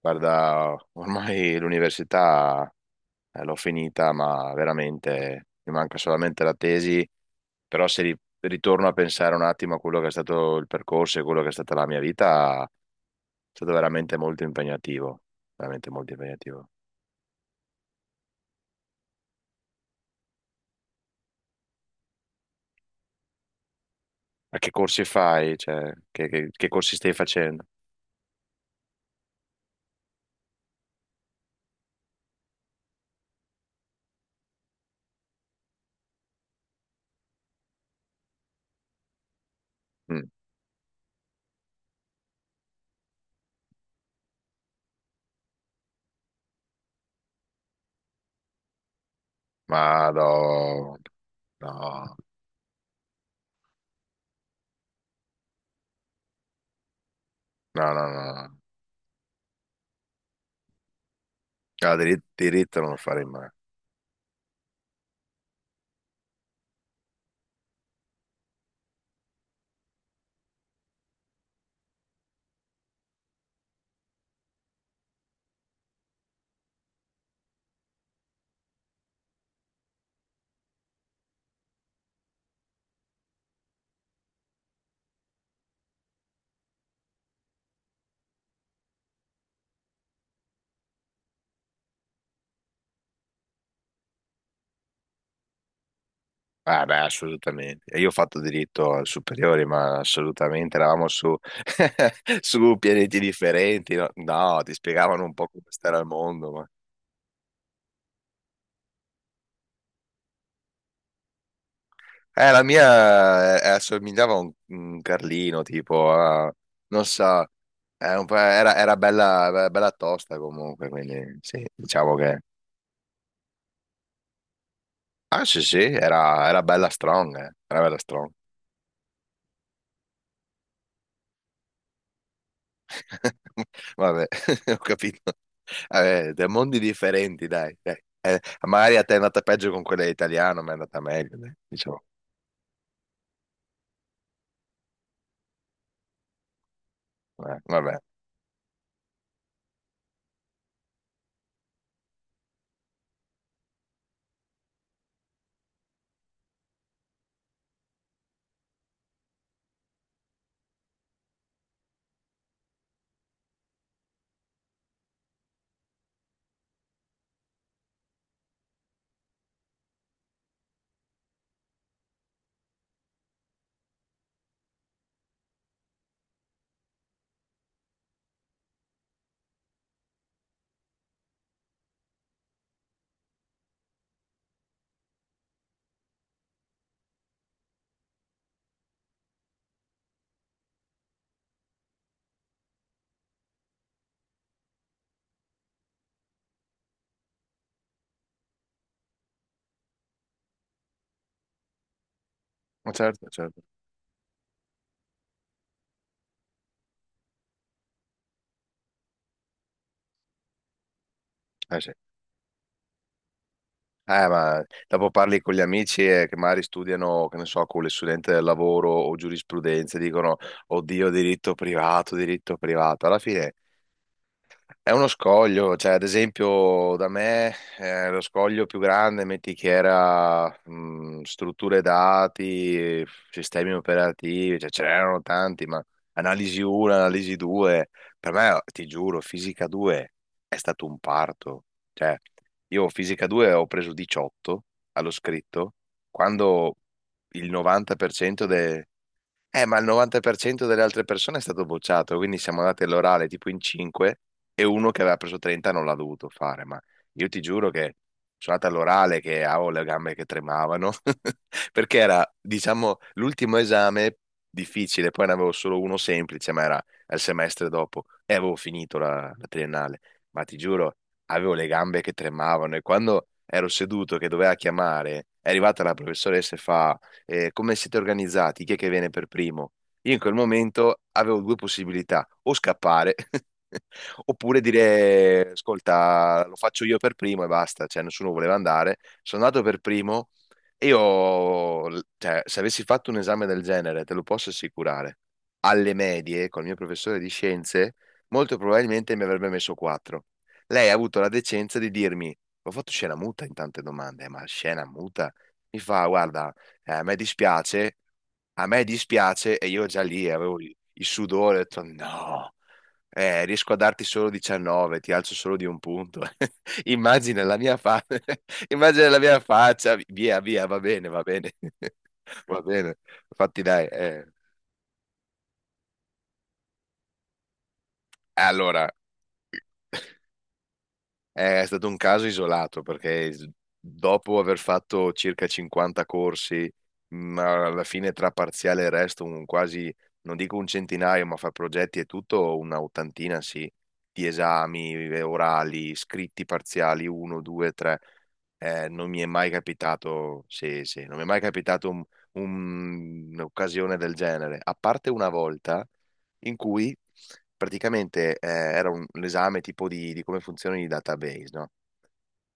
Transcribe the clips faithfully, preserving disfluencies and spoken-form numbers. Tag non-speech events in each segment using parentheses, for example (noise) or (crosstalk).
Guarda, ormai l'università eh, l'ho finita, ma veramente mi manca solamente la tesi, però se ri- ritorno a pensare un attimo a quello che è stato il percorso e quello che è stata la mia vita, è stato veramente molto impegnativo, veramente molto impegnativo. Ma che corsi fai? Cioè, che, che- che corsi stai facendo? Mm. Ma no, no, no, no, no, no. Ah, diri- diritto non lo farei mai. Ah, beh, assolutamente. E io ho fatto diritto al superiore, ma assolutamente eravamo su, (laughs) su pianeti differenti. No? No, ti spiegavano un po' come stare al mondo. Ma... Eh, la mia eh, assomigliava a un, un Carlino, tipo, a- non so, era, un po'- era- era bella, bella tosta comunque, quindi sì, diciamo che... Ah, sì, sì, era, era bella strong, eh. Era bella strong. Vabbè, (laughs) ho capito. Vabbè, da mondi differenti, dai, dai. Eh, magari a te è andata peggio con quella italiana, ma è andata meglio, dai, diciamo. Eh, vabbè. Ma certo, certo. Eh, sì. Eh, ma dopo parli con gli amici eh, che magari studiano, che ne so, con le studenti del lavoro o giurisprudenza, e dicono, oddio, diritto privato, diritto privato. Alla fine è uno scoglio, cioè ad esempio da me eh, lo scoglio più grande, metti che era mh, strutture dati, sistemi operativi, cioè ce n'erano tanti, ma analisi uno, analisi due, per me, ti giuro, fisica due è stato un parto. Cioè, io fisica due ho preso diciotto allo scritto, quando il novanta per cento eh, ma il novanta per cento delle altre persone è stato bocciato, quindi siamo andati all'orale tipo in cinque e uno che aveva preso trenta non l'ha dovuto fare, ma io ti giuro che sono andato all'orale che avevo le gambe che tremavano, (laughs) perché era, diciamo, l'ultimo esame difficile, poi ne avevo solo uno semplice, ma era il semestre dopo e avevo finito la, la triennale, ma ti giuro, avevo le gambe che tremavano e quando ero seduto che doveva chiamare, è arrivata la professoressa e fa eh, come siete organizzati, chi è che viene per primo? Io in quel momento avevo due possibilità, o scappare (laughs) oppure dire, ascolta, lo faccio io per primo e basta, cioè nessuno voleva andare, sono andato per primo e io, cioè, se avessi fatto un esame del genere, te lo posso assicurare, alle medie, col mio professore di scienze, molto probabilmente mi avrebbe messo quattro. Lei ha avuto la decenza di dirmi, ho fatto scena muta in tante domande, eh, ma scena muta? Mi fa, guarda, eh, a me dispiace, a me dispiace e io già lì avevo il il sudore, ho detto no, eh, riesco a darti solo diciannove, ti alzo solo di un punto. (laughs) Immagina la mia fa- (laughs) immagina la mia faccia, via, via, va bene, va bene, (laughs) va bene. Infatti dai, eh. Allora, (laughs) è stato un caso isolato perché s- dopo aver fatto circa cinquanta corsi, ma alla fine tra parziale e resto, un quasi, non dico un centinaio, ma fra progetti e tutto, una ottantina sì, di esami eh, orali, scritti parziali, uno, due, tre. Eh, non mi è mai capitato, sì, sì, non mi è mai capitato un- un- un'occasione del genere, a parte una volta in cui praticamente eh, era un, l'esame tipo di, di come funzionano i database, no?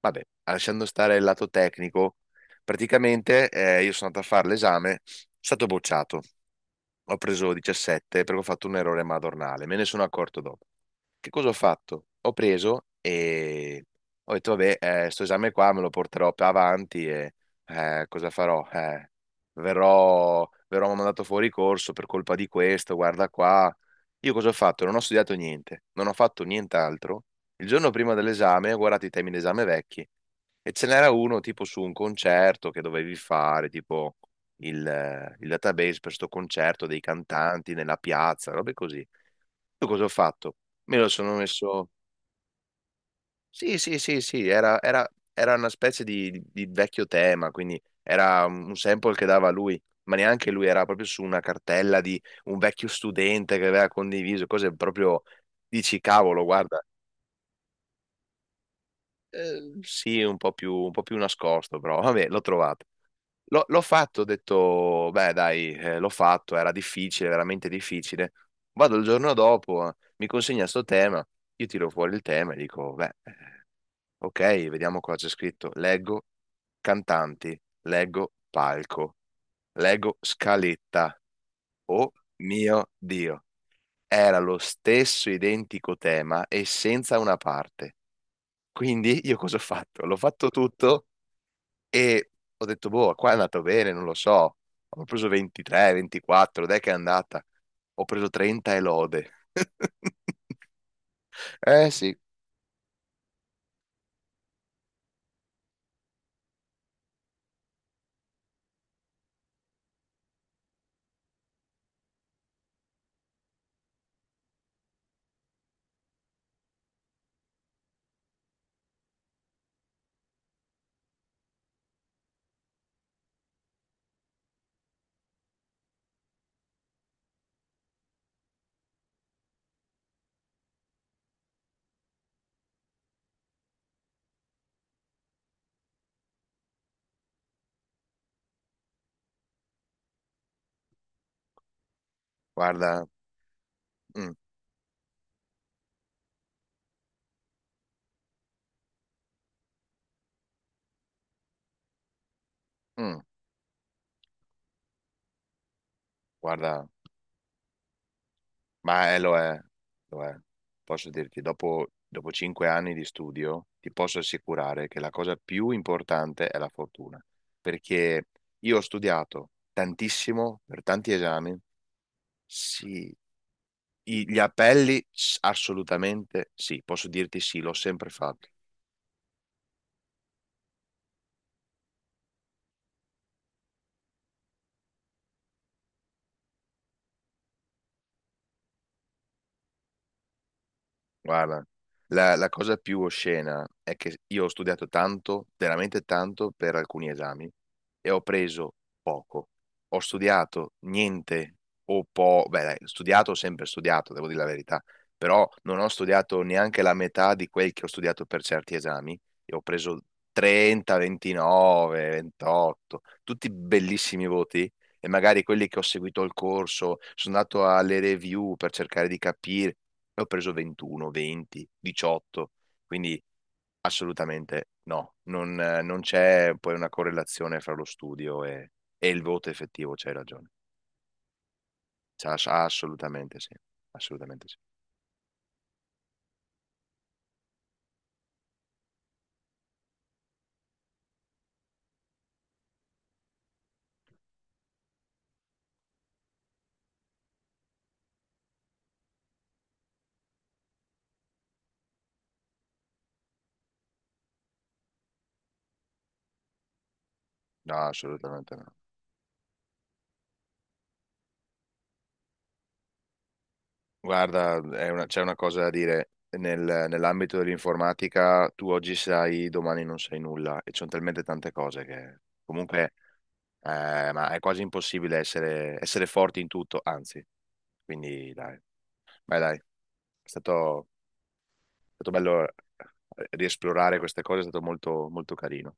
Vabbè, lasciando stare il lato tecnico, praticamente eh, io sono andato a fare l'esame, sono stato bocciato, ho preso diciassette perché ho fatto un errore madornale, me ne sono accorto dopo. Che cosa ho fatto? Ho preso e ho detto, vabbè, eh, sto esame qua me lo porterò più avanti e eh, cosa farò? Eh, verrò, verrò mandato fuori corso per colpa di questo, guarda qua. Io cosa ho fatto? Non ho studiato niente, non ho fatto nient'altro. Il giorno prima dell'esame ho guardato i temi d'esame vecchi e ce n'era uno tipo su un concerto che dovevi fare, tipo il, eh, il database per sto concerto dei cantanti nella piazza, robe così. Io cosa ho fatto? Me lo sono messo, sì, sì, sì, sì, era, era- era una specie di, di- di vecchio tema, quindi era un sample che dava lui, ma neanche lui, era proprio su una cartella di un vecchio studente che aveva condiviso cose proprio, dici, cavolo, guarda, eh, sì, un po' più, un po' più nascosto, però vabbè, l'ho trovato. L'ho l'ho fatto, ho detto, beh, dai, eh, l'ho fatto, era difficile, veramente difficile. Vado il giorno dopo, eh, mi consegna sto tema, io tiro fuori il tema e dico, beh... Ok, vediamo cosa c'è scritto. Leggo cantanti, leggo palco, leggo scaletta. Oh mio Dio, era lo stesso identico tema e senza una parte. Quindi io cosa ho fatto? L'ho fatto tutto e ho detto, boh, qua è andato bene, non lo so. Ho preso ventitré, ventiquattro, dai che è andata. Ho preso trenta e lode. (laughs) Eh sì, guarda, mm, mm, guarda. Ma eh, lo è, lo è. Posso dirti, dopo, dopo cinque anni di studio, ti posso assicurare che la cosa più importante è la fortuna, perché io ho studiato tantissimo per tanti esami, sì, I- gli appelli s- assolutamente sì, posso dirti sì, l'ho sempre fatto. Guarda, la, la cosa più oscena è che io ho studiato tanto, veramente tanto, per alcuni esami e ho preso poco. Ho studiato niente o po', beh, dai, studiato ho sempre studiato, devo dire la verità, però non ho studiato neanche la metà di quel che ho studiato per certi esami e ho preso trenta, ventinove, ventotto, tutti bellissimi voti. E magari quelli che ho seguito il corso, sono andato alle review per cercare di capire e ho preso ventuno, venti, diciotto, quindi assolutamente no, non, eh, non c'è poi una correlazione fra lo studio e, e il voto effettivo, c'hai ragione. C'ha- c'ha assolutamente sì, assolutamente sì. No, assolutamente no. Guarda, è una- c'è una cosa da dire. Nel- nell'ambito dell'informatica tu oggi sai, domani non sai nulla e ci sono talmente tante cose che comunque eh, ma è quasi impossibile essere, essere forti in tutto, anzi, quindi dai, vai dai. È stato, è stato bello eh, riesplorare queste cose, è stato molto, molto carino.